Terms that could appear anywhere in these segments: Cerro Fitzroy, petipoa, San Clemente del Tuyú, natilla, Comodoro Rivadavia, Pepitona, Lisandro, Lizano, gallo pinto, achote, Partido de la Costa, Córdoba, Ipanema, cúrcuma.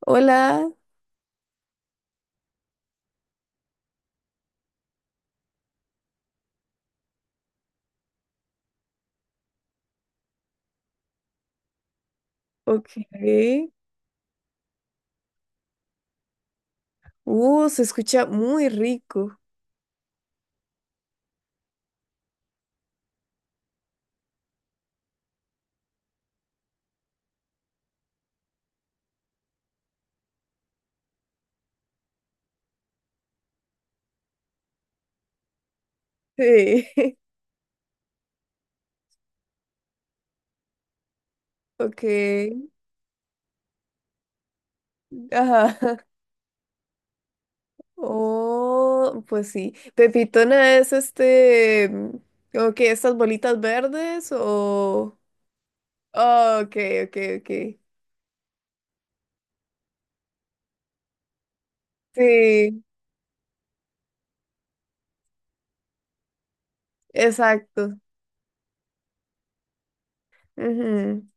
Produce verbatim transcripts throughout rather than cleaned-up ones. Hola, ok. Uh, se escucha muy rico. Sí, ok. Ajá. Oh, pues sí. Pepitona es este, mm, como que estas bolitas verdes o... Oh, ok, ok, ok. Sí, exacto. Ujú.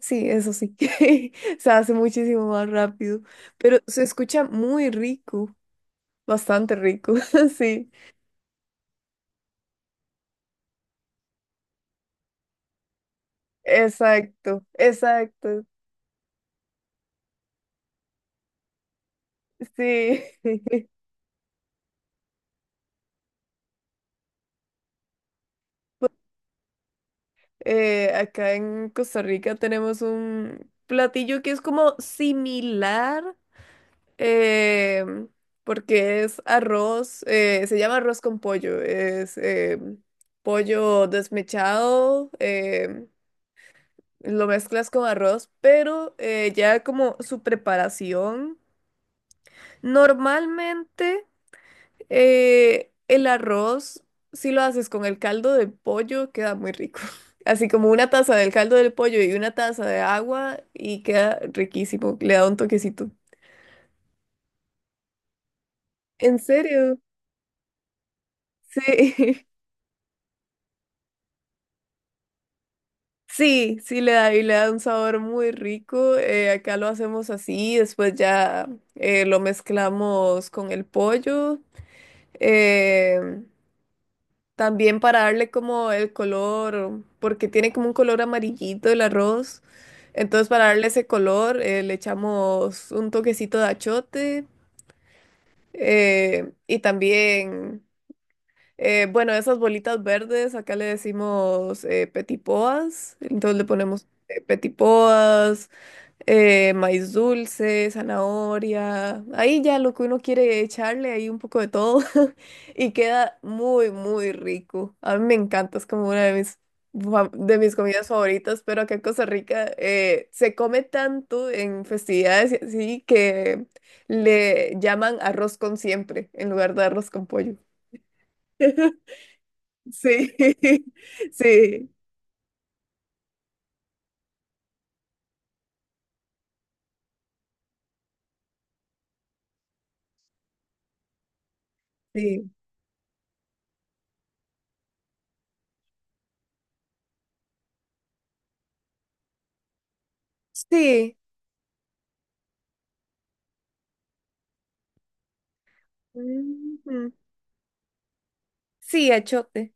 Sí, eso sí. Se hace muchísimo más rápido, pero se escucha muy rico, bastante rico, sí. Exacto, exacto, sí, eh, acá en Costa Rica tenemos un platillo que es como similar, eh, porque es arroz, eh, se llama arroz con pollo, es eh, pollo desmechado, eh, lo mezclas con arroz, pero eh, ya como su preparación, normalmente... Eh, el arroz, si lo haces con el caldo de pollo, queda muy rico. Así como una taza del caldo del pollo y una taza de agua y queda riquísimo. Le da un toquecito. ¿En serio? Sí. Sí, sí le da y le da un sabor muy rico. Eh, acá lo hacemos así, después ya eh, lo mezclamos con el pollo. eh, También para darle como el color, porque tiene como un color amarillito el arroz. Entonces para darle ese color eh, le echamos un toquecito de achote eh, y también, eh, bueno, esas bolitas verdes, acá le decimos eh, petipoas. Entonces le ponemos eh, petipoas, eh, maíz dulce, zanahoria, ahí ya lo que uno quiere echarle, ahí un poco de todo y queda muy, muy rico. A mí me encanta, es como una de mis, fa- de mis comidas favoritas, pero acá en Costa Rica eh, se come tanto en festividades y así que le llaman arroz con siempre en lugar de arroz con pollo. Sí, sí, sí, sí. Ujú. Sí, achote.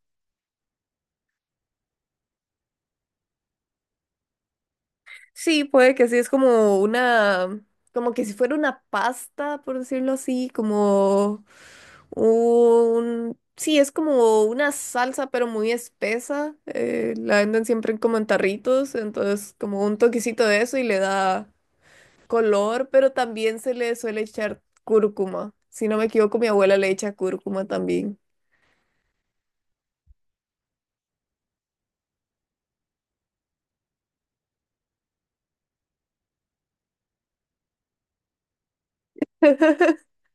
Sí, puede que sí, es como una, como que si fuera una pasta, por decirlo así, como un, sí, es como una salsa, pero muy espesa. Eh, la venden siempre como en tarritos, entonces como un toquecito de eso y le da color, pero también se le suele echar cúrcuma. Si no me equivoco, mi abuela le echa cúrcuma también.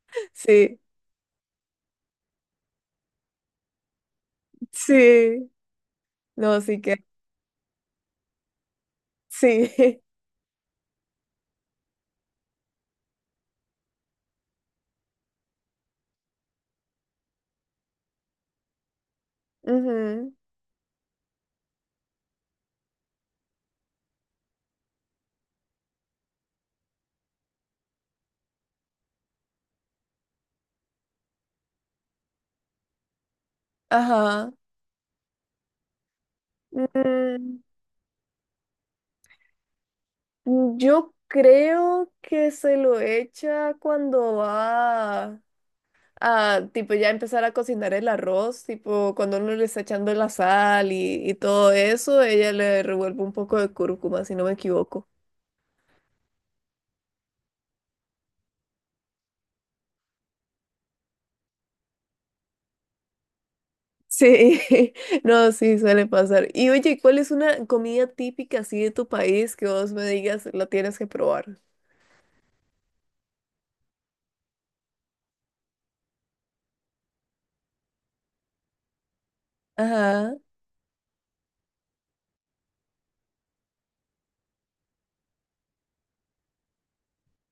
Sí, sí, no, sí que, sí. Ujú, ajá. Mm, yo creo que se lo echa cuando va a, tipo, ya empezar a cocinar el arroz, tipo, cuando uno le está echando la sal y, y todo eso, ella le revuelve un poco de cúrcuma, si no me equivoco. Sí, no, sí, suele pasar. Y oye, ¿cuál es una comida típica así de tu país que vos me digas la tienes que probar? Ajá,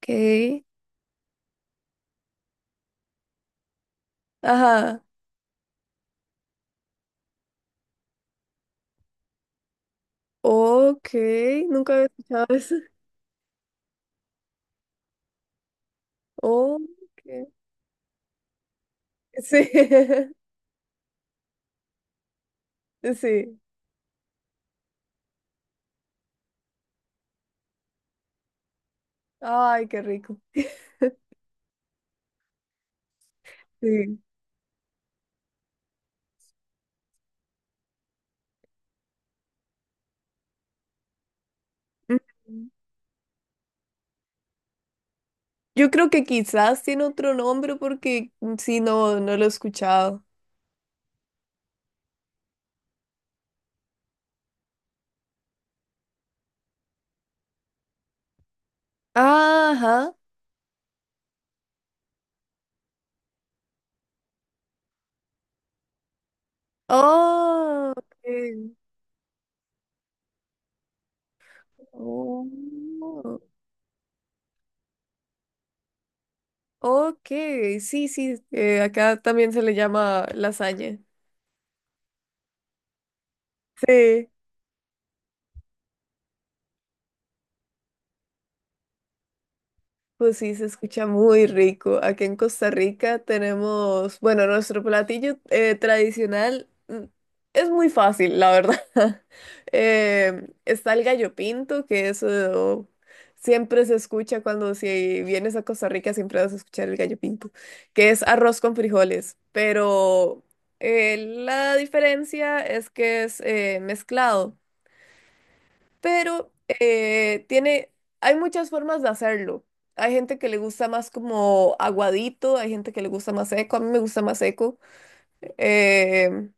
ok, ajá, ok, nunca había escuchado eso. Ok, sí. Sí. Ay, qué rico. Sí. Mm. Yo creo que quizás tiene otro nombre porque mm, sí, no, no lo he escuchado. Ajá. Oh, ok. Oh, ok. Sí, sí. Eh, acá también se le llama lasaña. Sí. Pues sí, se escucha muy rico. Aquí en Costa Rica tenemos, bueno, nuestro platillo eh, tradicional mm, es muy fácil, la verdad. Eh, está el gallo pinto, que eso siempre se escucha cuando si vienes a Costa Rica, siempre vas a escuchar el gallo pinto, que es arroz con frijoles, pero eh, la diferencia es que es eh, mezclado pero eh, tiene, hay muchas formas de hacerlo. Hay gente que le gusta más como aguadito, hay gente que le gusta más seco, a mí me gusta más seco. Eh,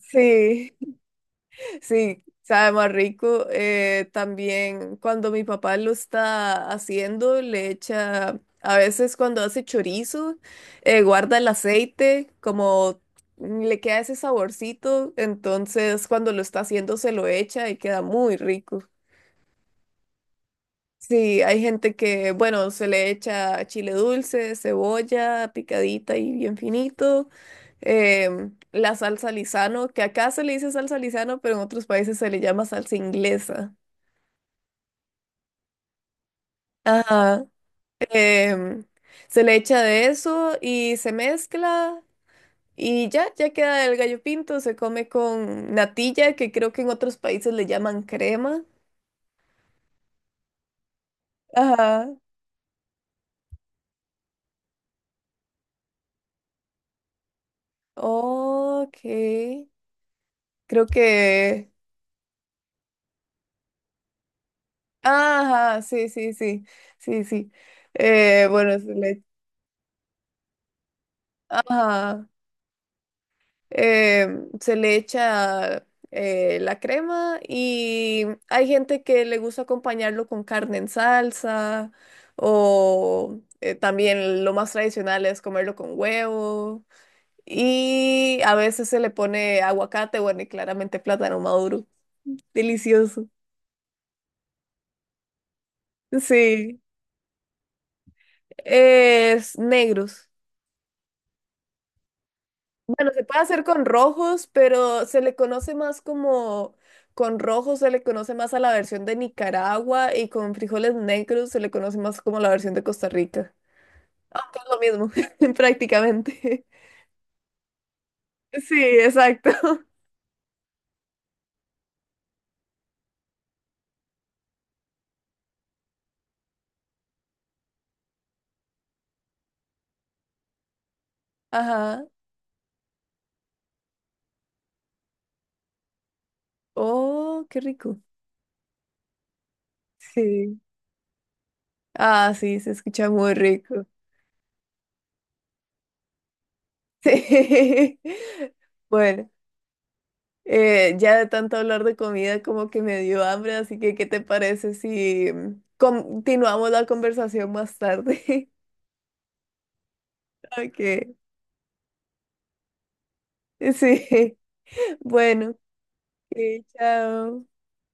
sí, sí, sabe más rico. Eh, también cuando mi papá lo está haciendo, le echa, a veces cuando hace chorizo, eh, guarda el aceite, como le queda ese saborcito, entonces cuando lo está haciendo se lo echa y queda muy rico. Sí, hay gente que, bueno, se le echa chile dulce, cebolla picadita y bien finito. Em, la salsa Lizano, que acá se le dice salsa Lizano, pero en otros países se le llama salsa inglesa. Ajá. em, Se le echa de eso y se mezcla y ya, ya queda el gallo pinto. Se come con natilla, que creo que en otros países le llaman crema. Ajá. Ok. Creo que ajá, sí, sí, sí, sí, sí. Eh, bueno, se le, ajá, eh se le echa eh, la crema y hay gente que le gusta acompañarlo con carne en salsa o eh, también lo más tradicional es comerlo con huevo y a veces se le pone aguacate, bueno, y claramente plátano maduro. Delicioso. Sí, es negros. Bueno, se puede hacer con rojos, pero se le conoce más como, con rojos se le conoce más a la versión de Nicaragua y con frijoles negros se le conoce más como la versión de Costa Rica. Aunque es lo mismo, prácticamente. Sí, exacto. Ajá. Oh, qué rico. Sí. Ah, sí, se escucha muy rico. Sí. Bueno. Eh, ya de tanto hablar de comida como que me dio hambre, así que ¿qué te parece si mm, continuamos la conversación más tarde? Ok, sí, bueno, ok, chao.